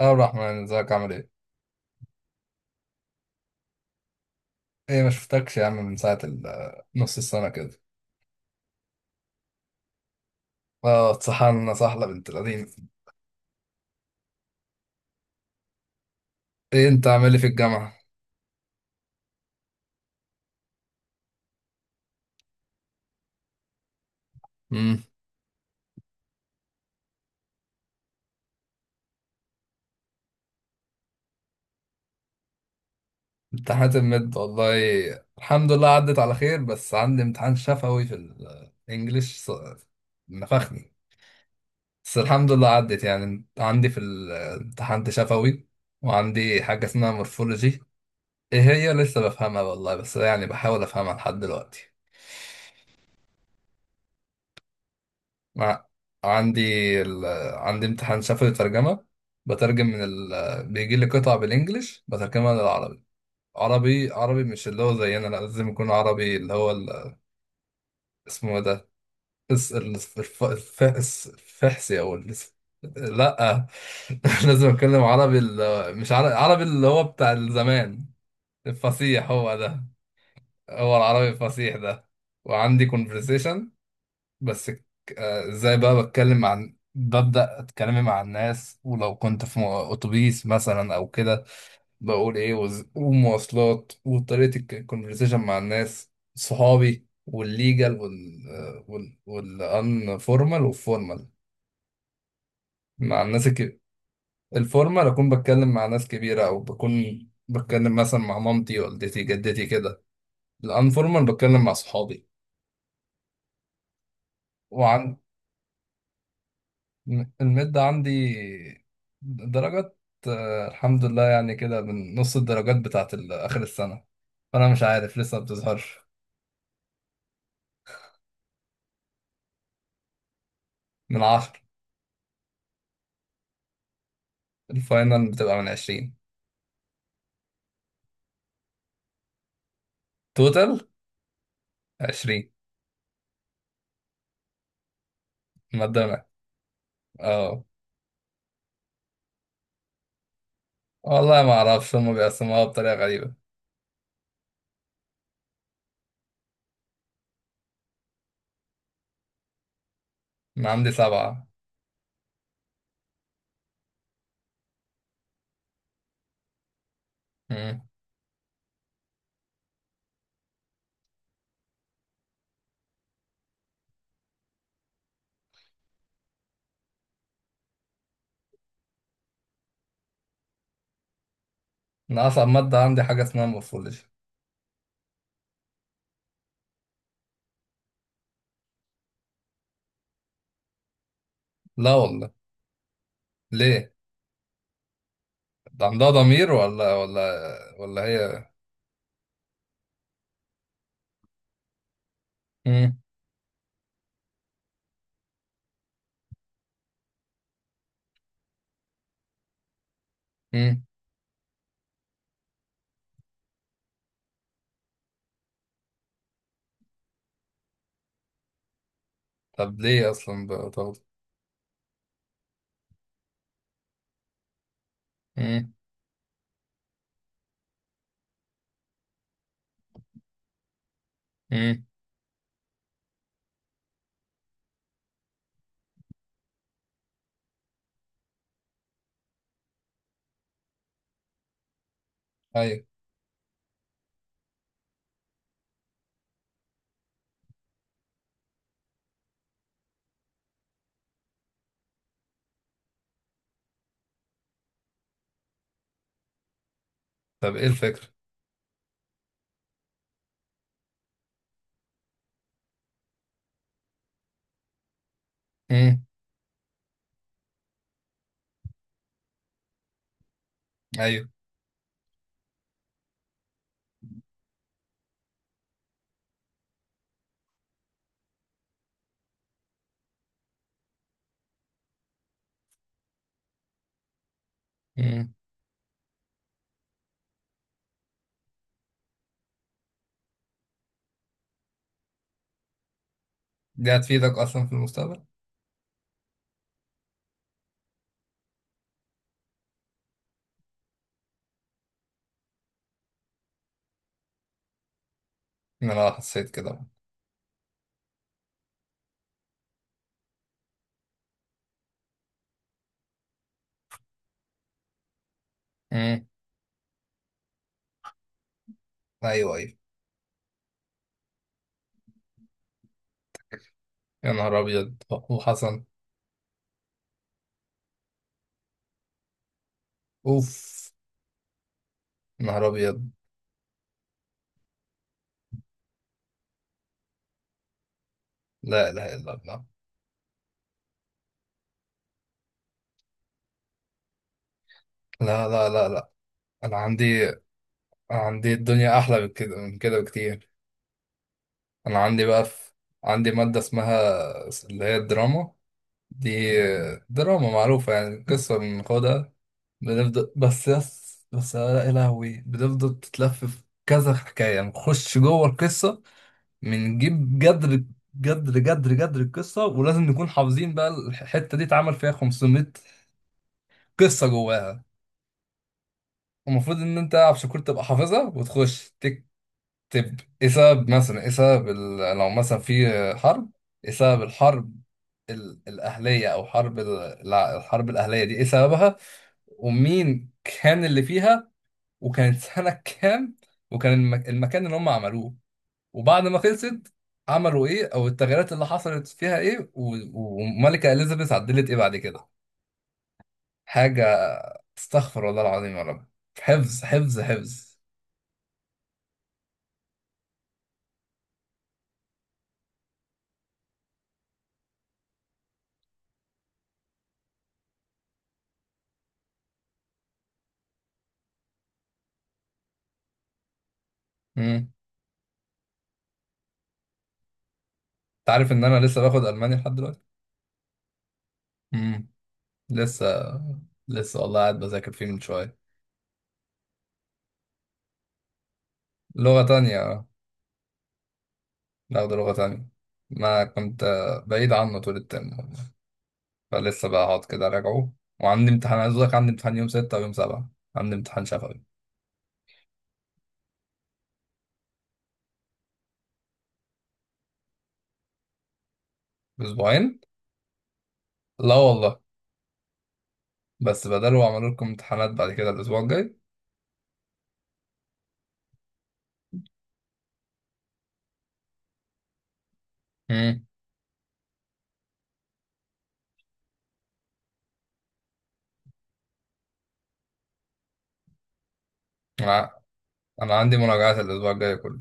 اه، عبد الرحمن، ازيك؟ عامل ايه؟ ايه، ما شفتكش يا عم من ساعة نص السنة كده. اه، اتسحلنا سحلة بنت لذينة. ايه، انت عامل ايه في الجامعة؟ امم. امتحانات المد والله، الحمد لله عدت على خير، بس عندي امتحان شفوي في الانجليش نفخني. بس الحمد لله عدت، يعني عندي امتحان شفوي، وعندي حاجة اسمها مورفولوجي. ايه هي لسه بفهمها والله، بس يعني بحاول افهمها لحد دلوقتي. مع عندي ال... عندي امتحان شفوي ترجمة. بترجم بيجي لي قطع بالانجلش بترجمها للعربي. عربي عربي، مش اللي هو زينا، لا لازم يكون عربي اللي هو اسمه إيه ده؟ الفحس الفحسي. لا لازم اتكلم عربي، مش عربي عربي اللي هو بتاع الزمان. الفصيح هو ده، هو العربي الفصيح ده. وعندي conversation. بس ازاي بقى بتكلم ببدأ اتكلمي مع الناس، ولو كنت في اتوبيس مثلا او كده. بقول ايه، ومواصلات، وطريقة الكونفرسيشن مع الناس، صحابي، والليجال، والان فورمال والفورمال مع الناس الفورمال اكون بتكلم مع ناس كبيرة، او بكون بتكلم مثلا مع مامتي، والدتي، جدتي كده. الان فورمال بتكلم مع صحابي. المد عندي درجات. الحمد لله، يعني كده من نص الدرجات بتاعت آخر السنة، فأنا مش عارف لسه ما بتظهرش. من عشرة. الفاينل بتبقى من عشرين. توتال. عشرين. مادة. اه والله ما أعرفش، هما بيقسموها بطريقة غريبة. أنا عندي سبعة. مم. أنا أصعب مادة عندي حاجة اسمها مورفولوجي. لا والله. ليه؟ ده عندها ضمير ولا؟ ولا هي. مم. مم. طب ليه أصلا بتاخد؟ مم. مم. أيوة. طب ايه الفكرة؟ امم. ايوه. امم. دي هتفيدك اصلا في المستقبل؟ إن انا حسيت كده. امم. ايوه، ايوه. يا نهار ابيض. وحسن. اوف. يا نهار ابيض. لا اله الا الله. لا، لا، لا، لا. انا عندي. أنا عندي الدنيا احلى من كده، من كده بكتير. انا عندي بقى في... عندي مادة اسمها اللي هي الدراما دي، دراما معروفة يعني، قصة بناخدها، بنفضل، بس يس، بس لا يا لهوي، بنفضل تتلف في كذا حكاية، يعني نخش جوه القصة، بنجيب جدر، جدر، جدر، جدر القصة، ولازم نكون حافظين بقى. الحتة دي اتعمل فيها 500 قصة جواها. المفروض إن أنت عشان كنت تبقى حافظها وتخش تكتب إيه سبب، مثلا إيه سبب لو مثلا في حرب، إيه سبب الحرب الأهلية، أو حرب الحرب الأهلية دي إيه سببها، ومين كان اللي فيها، وكانت سنة كام، وكان المكان اللي هم عملوه، وبعد ما خلصت عملوا ايه، او التغييرات اللي حصلت فيها ايه، وملكة اليزابيث عدلت ايه بعد كده. حاجة. استغفر الله العظيم يا رب. حفظ، حفظ، حفظ. امم. انت عارف ان انا لسه باخد الماني لحد دلوقتي. امم. لسه، لسه والله قاعد بذاكر فيه من شوية. لغة تانية، اه. باخد لغة تانية. ما كنت بعيد عنه طول الترم، فلسه بقى هقعد كده راجعه. وعندي امتحان، عايز اقول لك عندي امتحان يوم ستة ويوم سبعة. عندي امتحان شفوي. بأسبوعين. لا والله. بس بدلوا عملوا لكم امتحانات بعد كده الأسبوع الجاي. امم. انا أنا عندي مراجعات الأسبوع الجاي كله.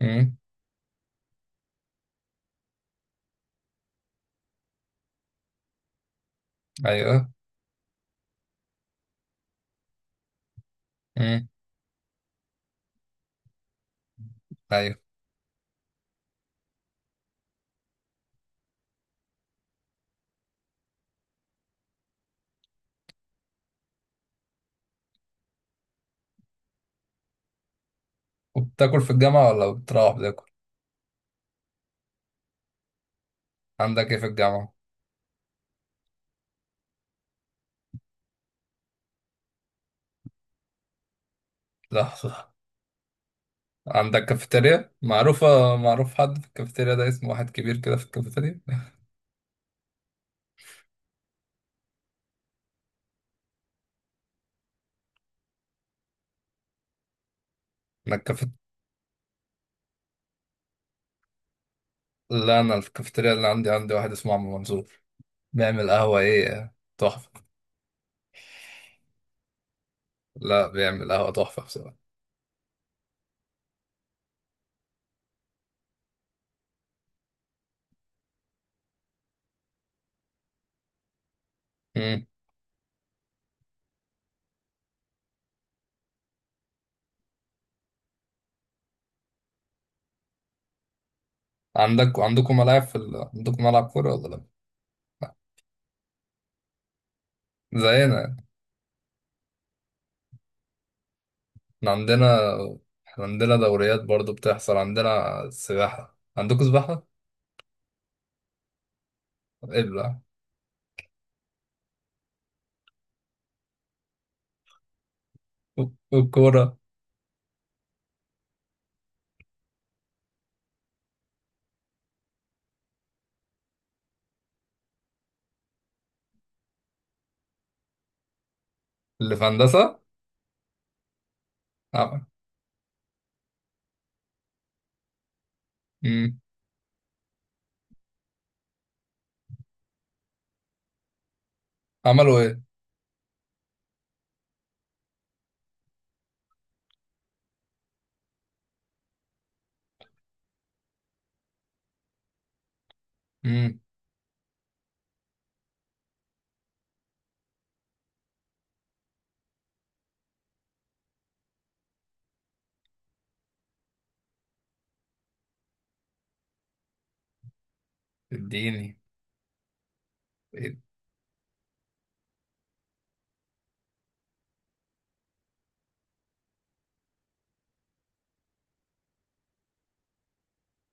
امم. ايوه. امم. ايوه. وبتاكل في الجامعة، ولا بتروح بتاكل؟ عندك ايه في الجامعة؟ لحظة. عندك كافيتيريا معروفة، معروف حد في الكافيتيريا ده اسمه، واحد كبير كده في الكافيتيريا؟ انا الكافيت لا، انا الكافيتيريا اللي عندي واحد اسمه عم منصور، بيعمل قهوة ايه تحفة. لا، بيعمل قهوة تحفة بصراحة. مم. عندكم ملاعب في عندكم ملعب كورة ولا لا؟ لا. زينا يعني. احنا عندنا احنا عندنا دوريات برضو بتحصل. عندنا سباحة، عندكم سباحة؟ ابلع. والكورة. اللي في هندسة؟ عم- مم. عملوا ايه؟ مم. اديني. إيه؟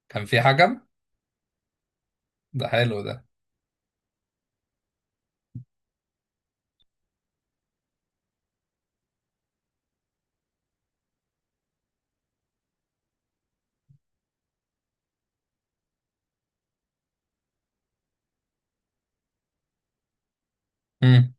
كان في حكم؟ ده حلو ده. مم.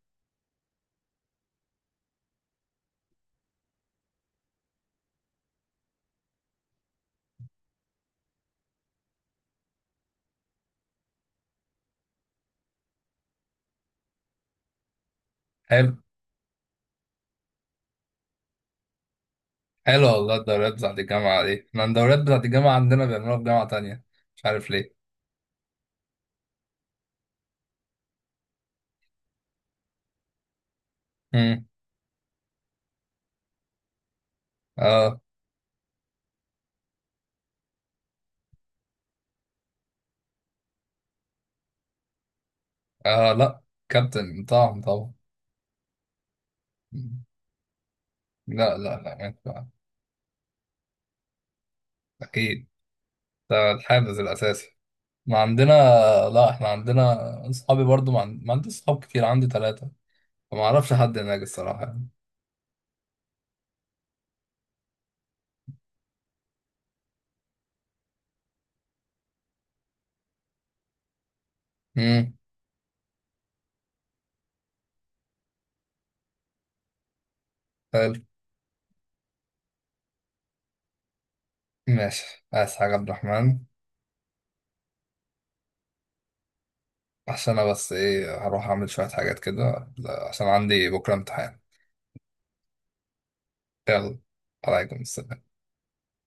حلو. حلو والله. الدوريات بتاعت الجامعة دي، احنا الدوريات بتاعت الجامعة عندنا بيعملوها في جامعة تانية، مش عارف ليه. مم. اه. آه، لا. كابتن، طبعا، طبعا. لا، لا، لا يعني طبعاً. أكيد. ده الحافز الأساسي. ما عندنا. لا، إحنا عندنا. أصحابي برضو، ما عندي أصحاب كتير، عندي ثلاثة، فما أعرفش حد هناك الصراحة يعني. امم. حلو. ماشي، عايز حاجة عبد الرحمن؟ عشان أنا بس هروح أعمل شوية حاجات كده، لا، عشان عندي بكرة امتحان. يلا. عليكم السلام.